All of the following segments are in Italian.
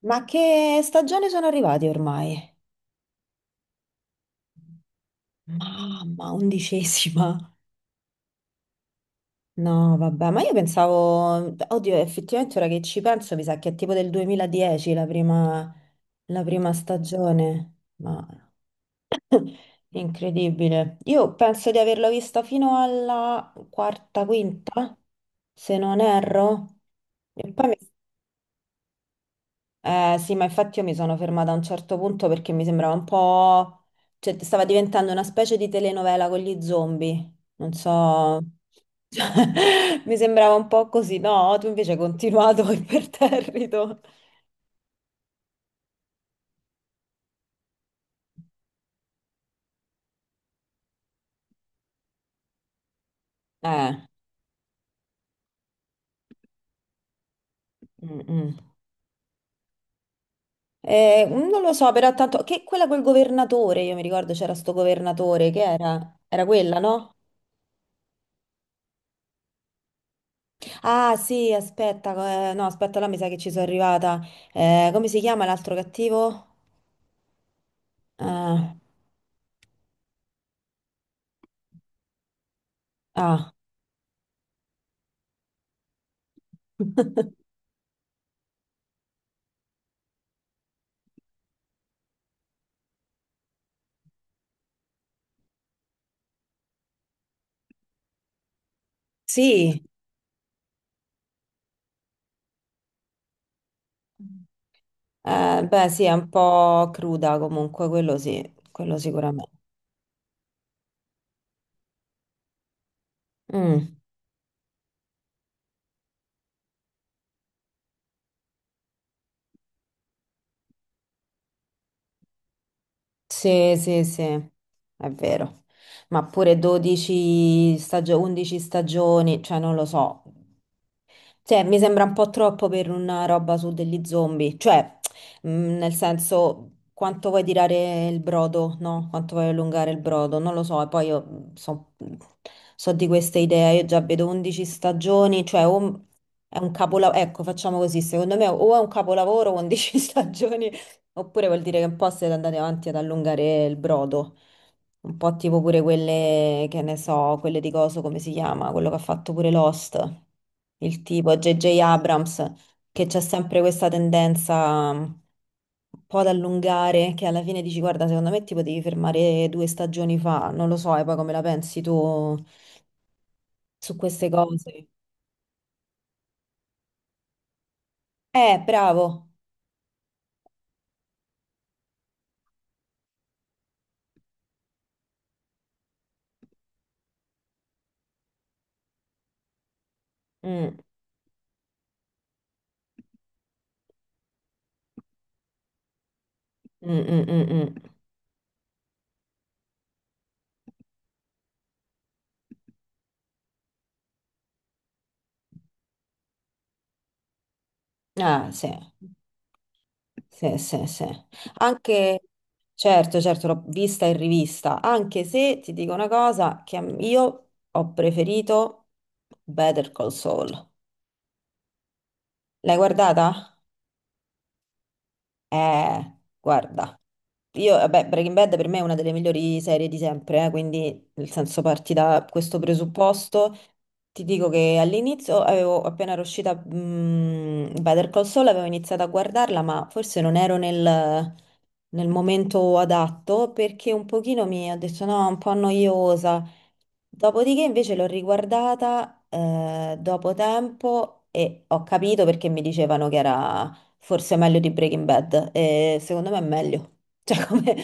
Ma che stagione sono arrivati ormai? Mamma, 11ª. No, vabbè, ma io pensavo, oddio, effettivamente ora che ci penso, mi sa che è tipo del 2010 la prima stagione. Ma incredibile. Io penso di averla vista fino alla quarta, quinta, se non erro. E poi mi sì, ma infatti io mi sono fermata a un certo punto perché mi sembrava un po', cioè, stava diventando una specie di telenovela con gli zombie. Non so. Mi sembrava un po' così, no? Tu invece hai continuato imperterrito. Eh, mm, mm. Non lo so, però tanto. Che quella col governatore, io mi ricordo c'era sto governatore, che era? Era quella, no? Ah, sì, aspetta, no, aspetta, là mi sa che ci sono arrivata. Come si chiama l'altro cattivo? Ah, ah. Sì, beh, sì, è un po' cruda comunque, quello sì, quello sicuramente. Mm, sì, sì, sì, è vero. Ma pure 11 stagioni, cioè non lo so. Cioè, mi sembra un po' troppo per una roba su degli zombie, cioè, nel senso, quanto vuoi tirare il brodo, no? Quanto vuoi allungare il brodo, non lo so, e poi io so di queste idee, io già vedo 11 stagioni, cioè, o è un capolavoro, ecco, facciamo così, secondo me o è un capolavoro 11 stagioni, oppure vuol dire che un po' siete andati avanti ad allungare il brodo. Un po' tipo pure quelle, che ne so, quelle di coso, come si chiama? Quello che ha fatto pure Lost, il tipo J.J. Abrams, che c'è sempre questa tendenza un po' ad allungare, che alla fine dici, guarda, secondo me ti potevi fermare due stagioni fa, non lo so, e poi come la pensi tu su queste cose? Bravo. Mm, mm, mm, mm, mm. Ah, sì. Sì, sì, sì. Anche, certo, certo, l'ho vista in rivista, anche se ti dico una cosa, che io ho preferito Better Call Saul. L'hai guardata? Guarda. Io, vabbè, Breaking Bad per me è una delle migliori serie di sempre, quindi nel senso parti da questo presupposto. Ti dico che all'inizio avevo appena era uscita Better Call Saul, avevo iniziato a guardarla, ma forse non ero nel momento adatto perché un pochino mi ho detto no, è un po' noiosa. Dopodiché invece l'ho riguardata dopo tempo e ho capito perché mi dicevano che era forse è meglio di Breaking Bad. E secondo me è meglio, cioè come,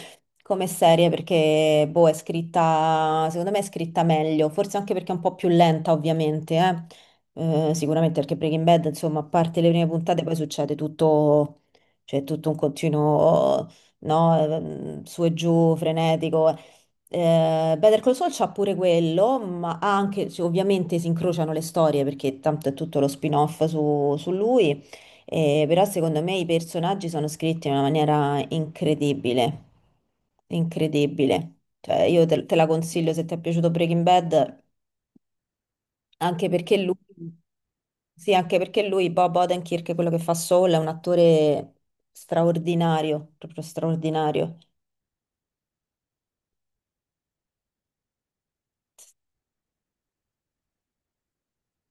come serie, perché boh, è scritta, secondo me è scritta meglio, forse anche perché è un po' più lenta, ovviamente, eh. Sicuramente perché Breaking Bad, insomma, a parte le prime puntate, poi succede tutto, cioè tutto un continuo, no, su e giù, frenetico. Better Call Saul c'ha pure quello, ma ha anche, cioè, ovviamente si incrociano le storie perché tanto è tutto lo spin-off su lui. Però secondo me i personaggi sono scritti in una maniera incredibile, incredibile. Cioè, io te la consiglio se ti è piaciuto Breaking Bad, anche perché lui, sì, anche perché lui, Bob Odenkirk, quello che fa Saul, è un attore straordinario, proprio straordinario.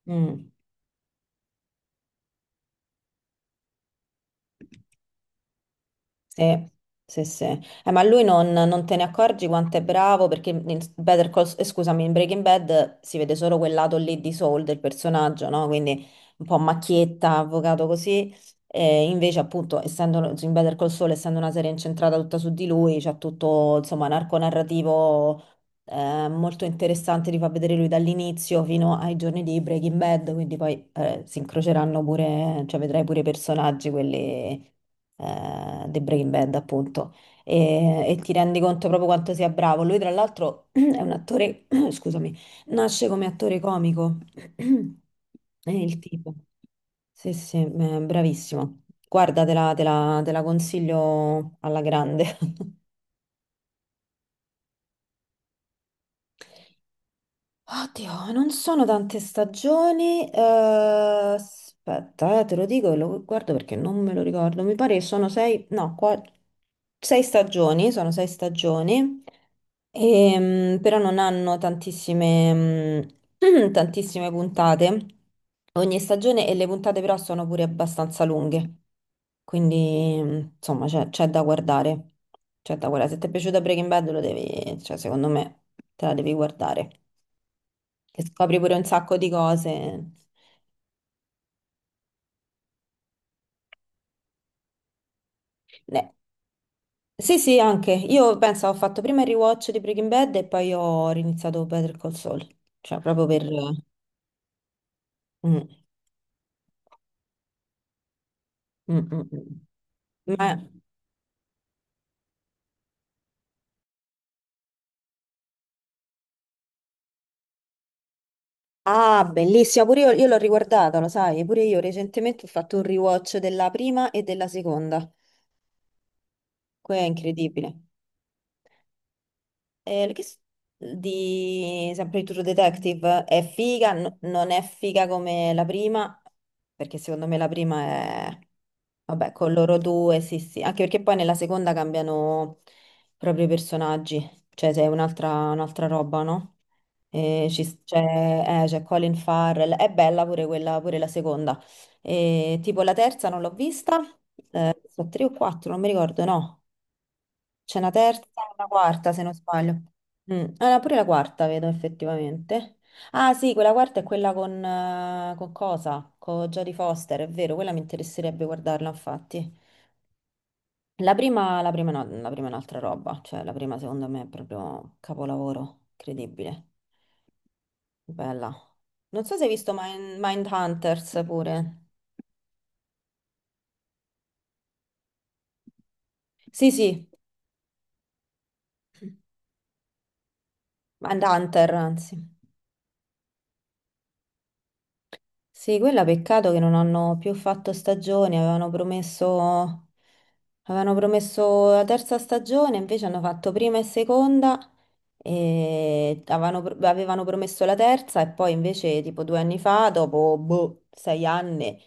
Mm. Sì, sì, sì. Ma lui non te ne accorgi quanto è bravo perché in Better Call, scusami, in Breaking Bad si vede solo quel lato lì di Saul del personaggio, no? Quindi un po' macchietta, avvocato così. E invece, appunto, essendo in Better Call Saul, essendo una serie incentrata tutta su di lui, c'è tutto, insomma, narco narrativo è molto interessante, li fa vedere lui dall'inizio fino ai giorni di Breaking Bad, quindi poi si incroceranno pure, cioè vedrai pure i personaggi, quelli di Breaking Bad appunto, e ti rendi conto proprio quanto sia bravo. Lui tra l'altro è un attore, scusami, nasce come attore comico, è il tipo. Sì, sì, bravissimo. Guarda, te la consiglio alla grande. Oddio, non sono tante stagioni. Aspetta, te lo dico e lo guardo perché non me lo ricordo. Mi pare che sono sei, no, sei stagioni, sono sei stagioni, però non hanno tantissime, tantissime puntate. Ogni stagione e le puntate però sono pure abbastanza lunghe. Quindi, insomma, c'è da guardare. C'è da guardare. Se ti è piaciuta Breaking Bad, lo devi, cioè, secondo me, te la devi guardare che scopri pure un sacco di cose. Ne- Sì, sì, anche. Io penso ho fatto prima il rewatch di Breaking Bad e poi ho riniziato Better Call Saul. Cioè, proprio per. Mm, mm, mm, mm, Ma. Ah, bellissima, pure io l'ho riguardata, lo sai, pure io recentemente ho fatto un rewatch della prima e della seconda. Quello è incredibile. L'ho chiesto di sempre di True Detective è figa, non è figa come la prima, perché secondo me la prima è, vabbè, con loro due, sì, sì, anche perché poi nella seconda cambiano proprio i personaggi, cioè sei un'altra roba, no? E ci s- c'è c'è Colin Farrell, è bella pure quella, pure la seconda. E tipo la terza non l'ho vista, sono tre o quattro, non mi ricordo, no. C'è una terza e una quarta, se non sbaglio. Mm. Ah, no, pure la quarta vedo effettivamente. Ah, sì, quella quarta è quella con cosa? Con Jodie Foster, è vero, quella mi interesserebbe guardarla, infatti. La prima no, la prima è un'altra roba, cioè la prima secondo me è proprio capolavoro, incredibile, bella. Non so se hai visto Mindhunters pure. Sì, sì, Mindhunter, anzi. Sì, quella peccato che non hanno più fatto stagioni, avevano promesso la terza stagione, invece hanno fatto prima e seconda, e avevano promesso la terza e poi invece tipo 2 anni fa, dopo boh, 6 anni,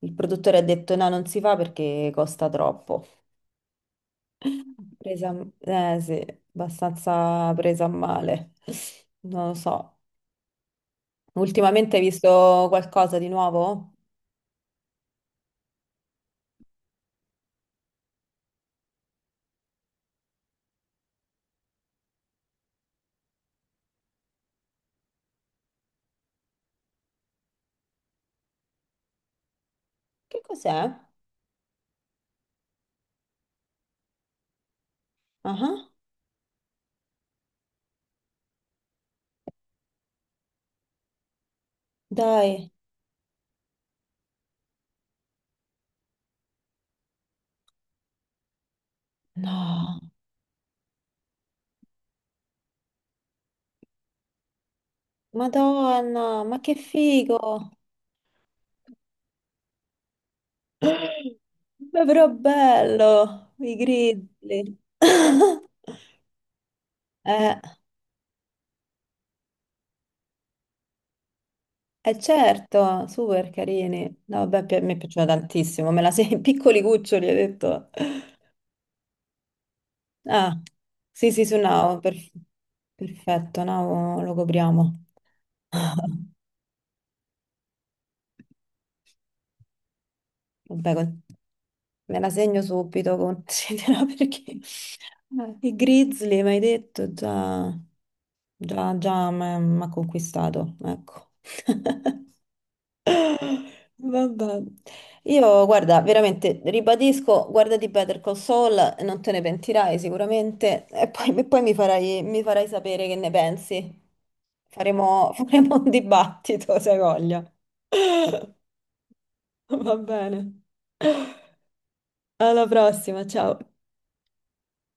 il produttore ha detto no, non si fa perché costa troppo. Presa, eh sì, abbastanza presa a male. Non lo so. Ultimamente hai visto qualcosa di nuovo? Che cos'è? Ah, dai, no. Madonna, ma che figo! Beh, però bello, i grizzly. Eh, eh certo, super carini. No, vabbè, mi è piaciuta tantissimo, me la sei in piccoli cuccioli, hai detto. Ah, sì, sì, su Now, perfetto, Now lo copriamo. Vabbè, me la segno subito, considera, perché i Grizzly, mi hai detto, già, già, già mi ha conquistato, ecco. Vabbè. Io, guarda, veramente, ribadisco, guardati Better Call Saul, non te ne pentirai sicuramente, e poi mi farai sapere che ne pensi. Faremo, faremo un dibattito, se hai voglia. Va bene. Alla prossima, ciao.